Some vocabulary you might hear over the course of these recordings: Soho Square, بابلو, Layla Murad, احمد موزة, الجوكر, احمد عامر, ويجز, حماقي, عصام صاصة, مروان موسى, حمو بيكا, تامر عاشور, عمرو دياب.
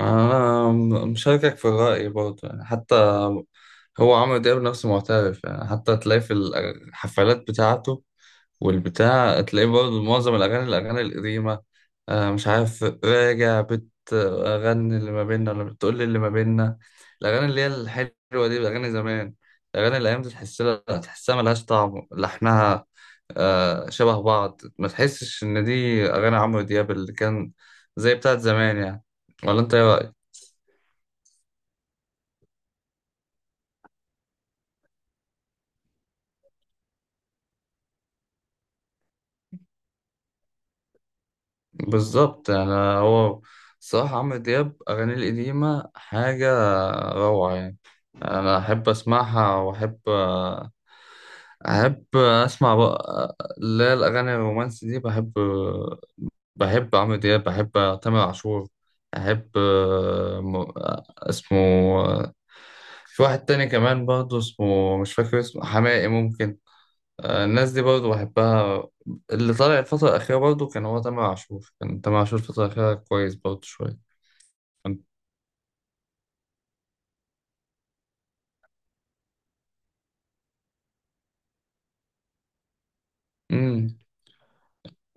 أنا مشاركك في الرأي برضه، يعني حتى هو عمرو دياب نفسه معترف. يعني حتى تلاقي في الحفلات بتاعته والبتاع تلاقيه برضه معظم الأغاني القديمة. مش عارف، راجع بتغني اللي ما بيننا ولا بتقول لي اللي ما بيننا. الأغاني اللي هي الحلوة دي الأغاني زمان، الأغاني الأيام دي تحس لها، تحسها ملهاش طعم لحنها. شبه بعض، ما تحسش إن دي أغاني عمرو دياب اللي كان زي بتاعت زمان يعني. ولا أنت إيه رأيك؟ بالظبط يعني. هو صراحة عمرو دياب أغانيه القديمة حاجة روعة يعني. أنا أحب أسمعها، وأحب أسمع بقى اللي هي الأغاني الرومانسي دي. بحب، بحب عمرو دياب، بحب تامر عاشور، أحب م- اسمه، في واحد تاني كمان برضه اسمه مش فاكر، اسمه حماقي ممكن. الناس دي برضه بحبها. اللي طالع الفترة الأخيرة برضه كان هو تامر عاشور، كان تامر عاشور الفترة الأخيرة كويس برضه شوية. كان- مم.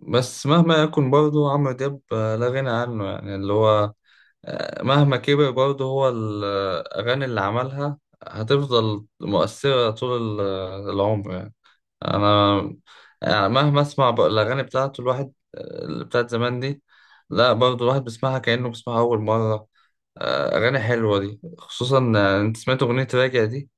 بس مهما يكن برضه عمرو دياب لا غنى عنه يعني. اللي هو مهما كبر برضه هو الأغاني اللي عملها هتفضل مؤثرة طول العمر يعني. انا يعني مهما اسمع الاغاني بتاعته الواحد اللي بتاعت زمان دي، لا برضه الواحد بيسمعها كانه بيسمعها اول مره. اغاني حلوه دي، خصوصا انت سمعت اغنيه راجع دي؟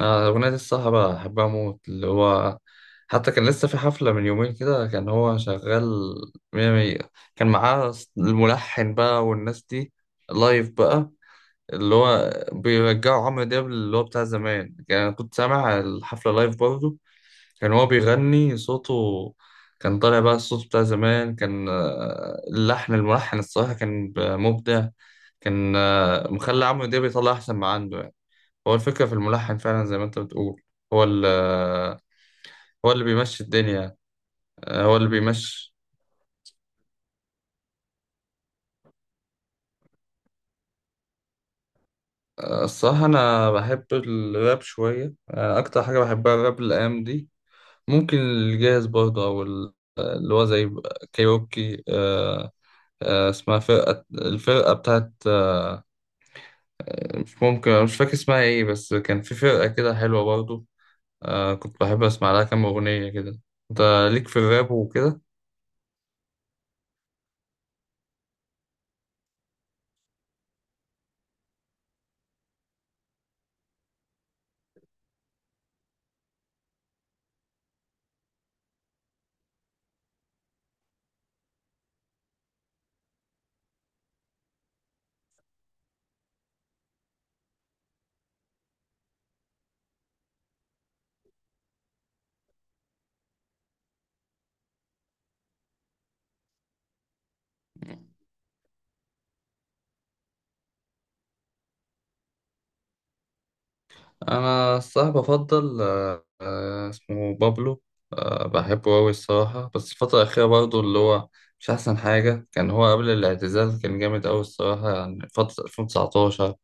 الاغنيه دي الصراحه بحبها موت. اللي هو حتى كان لسه في حفله من يومين كده كان هو شغال، مية مية. كان معاه الملحن بقى والناس دي لايف بقى، اللي هو بيرجعوا عمرو دياب اللي هو بتاع زمان يعني. أنا كنت سامع الحفله لايف برضه، كان هو بيغني، صوته كان طالع بقى الصوت بتاع زمان. كان اللحن، الملحن الصراحة كان مبدع. كان مخلي عمرو دياب يطلع أحسن ما عنده يعني. هو الفكرة في الملحن فعلا زي ما أنت بتقول، هو اللي هو اللي بيمشي الدنيا. هو اللي بيمشي. الصراحة أنا بحب الراب شوية. أكتر حاجة بحبها الراب الأيام دي. ممكن الجاهز برضه، أو اللي هو زي كايروكي. اسمها فرقة، الفرقة بتاعت مش ممكن مش فاكر اسمها ايه، بس كان في فرقة كده حلوة برضو. آه، كنت بحب اسمع لها كام اغنية كده. انت ليك في الراب وكده؟ انا الصراحة بفضل اسمه بابلو. آه، بحبه اوي الصراحة، بس الفترة الأخيرة برضو اللي هو مش أحسن حاجة. كان هو قبل الاعتزال كان جامد أوي الصراحة، يعني فترة 2019،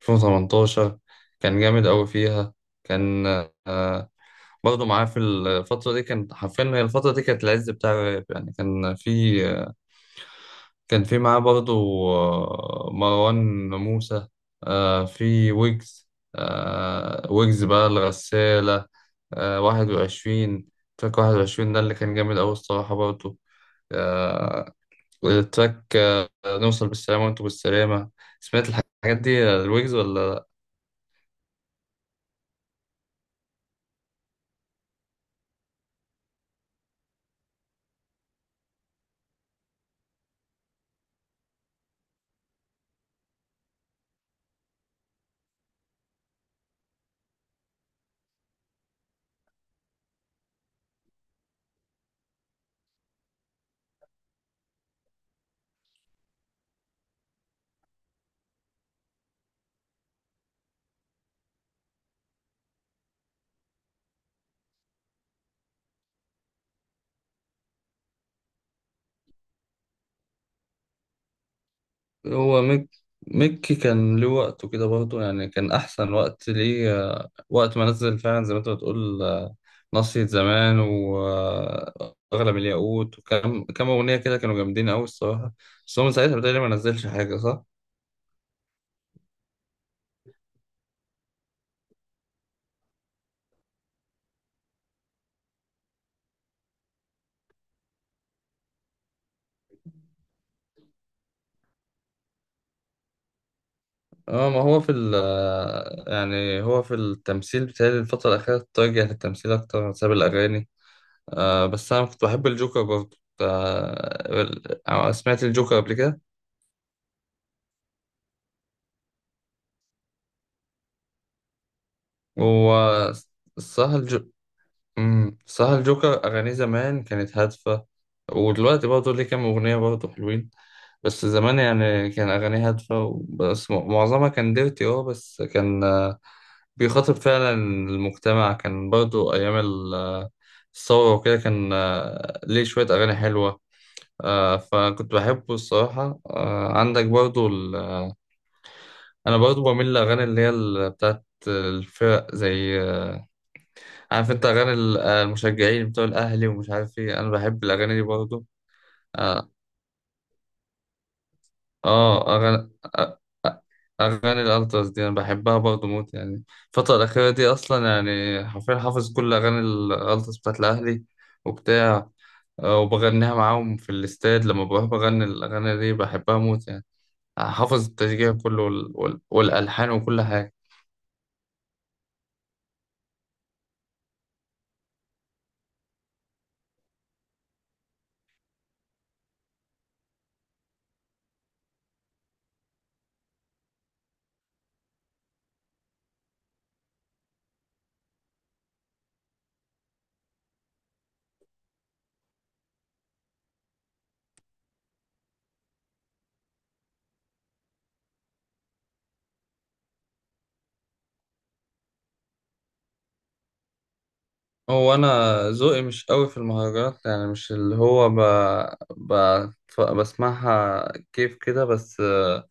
2018 كان جامد أوي فيها. كان آه برضه معاه في الفترة دي، كانت حرفيا هي الفترة دي كانت العز بتاع الراب يعني. كان في معاه برضه مروان موسى، في ويجز. ويجز بقى الغسالة، 21. تراك 21 ده اللي كان جامد أوي الصراحة برضه. آه، التراك نوصل بالسلامة وانتوا بالسلامة. سمعت الحاجات دي، الويجز ولا؟ هو ميك ميكي كان له وقته كده برضه يعني، كان أحسن وقت ليه وقت ما نزل، فعلا زي ما أنت بتقول. نصية زمان وأغلى من الياقوت، وكم أغنية كده كانوا جامدين أوي الصراحة. بس هو من ساعتها بتهيألي ما نزلش حاجة، صح؟ اه، ما هو في ال آه، يعني هو في التمثيل بتهيألي الفترة الأخيرة اتجه للتمثيل أكتر بسبب الأغاني. بس أنا كنت بحب الجوكر برضه، سمعت الجوكر قبل كده؟ هو الصراحة صح، الجوكر أغانيه زمان كانت هادفة. ودلوقتي برضه ليه كام أغنية برضه حلوين. بس زمان يعني كان أغانيه هادفة، بس معظمها كان ديرتي. اه بس كان بيخاطب فعلا المجتمع. كان برضه أيام الثورة وكده، كان ليه شوية أغاني حلوة. فكنت بحبه الصراحة. عندك برضه أنا برضه بميل للأغاني اللي هي بتاعت الفرق، زي عارف انت اغاني المشجعين بتوع الاهلي ومش عارف ايه، انا بحب الاغاني دي برضه. اه آه، اغاني آه، آه، اغاني الالتراس دي انا بحبها برضه موت يعني. الفتره الاخيره دي اصلا يعني حرفيا حافظ كل اغاني الالتراس بتاعت الاهلي وبتاع، وبغنيها معاهم في الاستاد، لما بروح بغني الاغاني دي بحبها موت يعني. حافظ التشجيع كله والالحان وكل حاجه. هو انا ذوقي مش قوي في المهرجانات يعني، مش اللي هو ب... بسمعها كيف كده. بس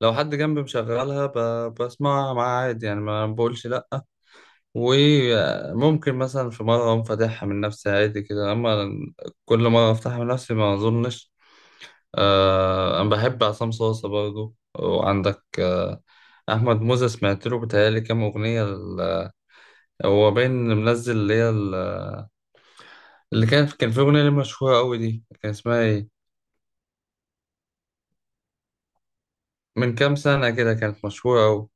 لو حد جنبي مشغلها بسمعها معاه عادي يعني، ما بقولش لا. وممكن مثلا في مرة اقوم فاتحها من نفسي عادي كده، اما كل مرة افتحها من نفسي ما اظنش. انا بحب عصام صاصة برضو، وعندك احمد موزة، سمعت له بتهيألي كام اغنية هو باين منزل، اللي هي اللي كان في أغنية ليه مشهورة أوي دي، كان اسمها إيه؟ من كام سنة كده كانت مشهورة أوي.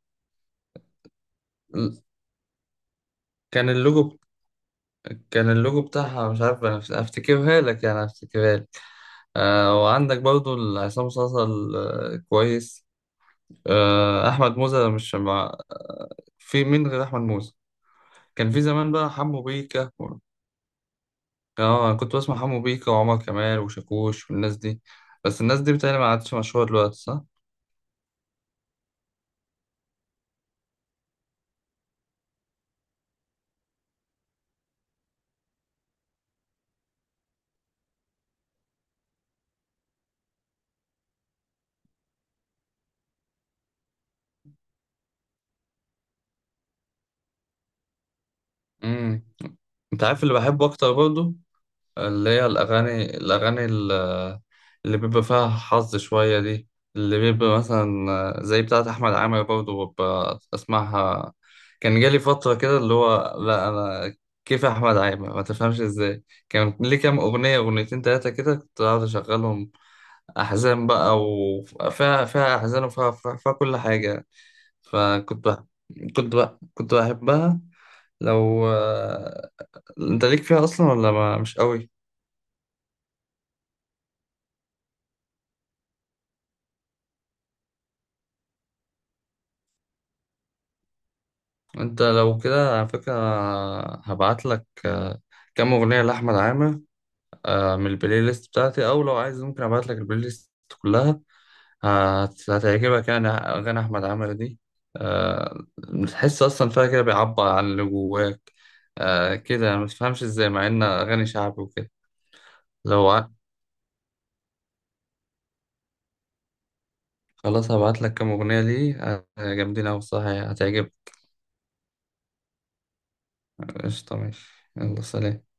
ال- كان اللوجو ب- كان اللوجو بتاعها مش عارف، أنا أفتكرها لك يعني، أفتكرها لك. آه، وعندك برضو عصام صاصا كويس. أحمد موزة مش مع، في مين غير أحمد موزة؟ كان في زمان بقى حمو بيكا. أنا كنت بسمع حمو بيكا وعمر كمال وشاكوش والناس دي، بس الناس دي بتهيألي ما عادش مشهورة دلوقتي، صح؟ مم. أنت عارف اللي بحبه أكتر برضو؟ اللي هي الأغاني اللي بيبقى فيها حظ شوية دي، اللي بيبقى مثلا زي بتاعة أحمد عامر برضه ببقى أسمعها. كان جالي فترة كده اللي هو، لا أنا كيف أحمد عامر، ما تفهمش إزاي. كان ليه كام أغنية، أغنيتين تلاتة كده كنت قاعد أشغلهم، أحزان بقى، وفيها أحزان، وفيها فيها فيها كل حاجة. فكنت بح... كنت بح... كنت بحبها. لو أنت ليك فيها أصلا ولا ما مش قوي؟ انت لو كده على فكرة هبعت لك كام اغنية لأحمد عامر، من البلاي ليست بتاعتي، او لو عايز ممكن ابعت لك البلاي ليست كلها. هتعجبك يعني اغاني احمد عامر دي، آه، تحس اصلا فيها كده بيعبر عن اللي جواك. كده يعني، ما تفهمش ازاي مع ان اغاني شعبي وكده. لو ع- خلاص هبعت لك كام اغنية ليه جامدين اوي الصراحة يعني هتعجبك. قشطة ماشي، يلا سلام.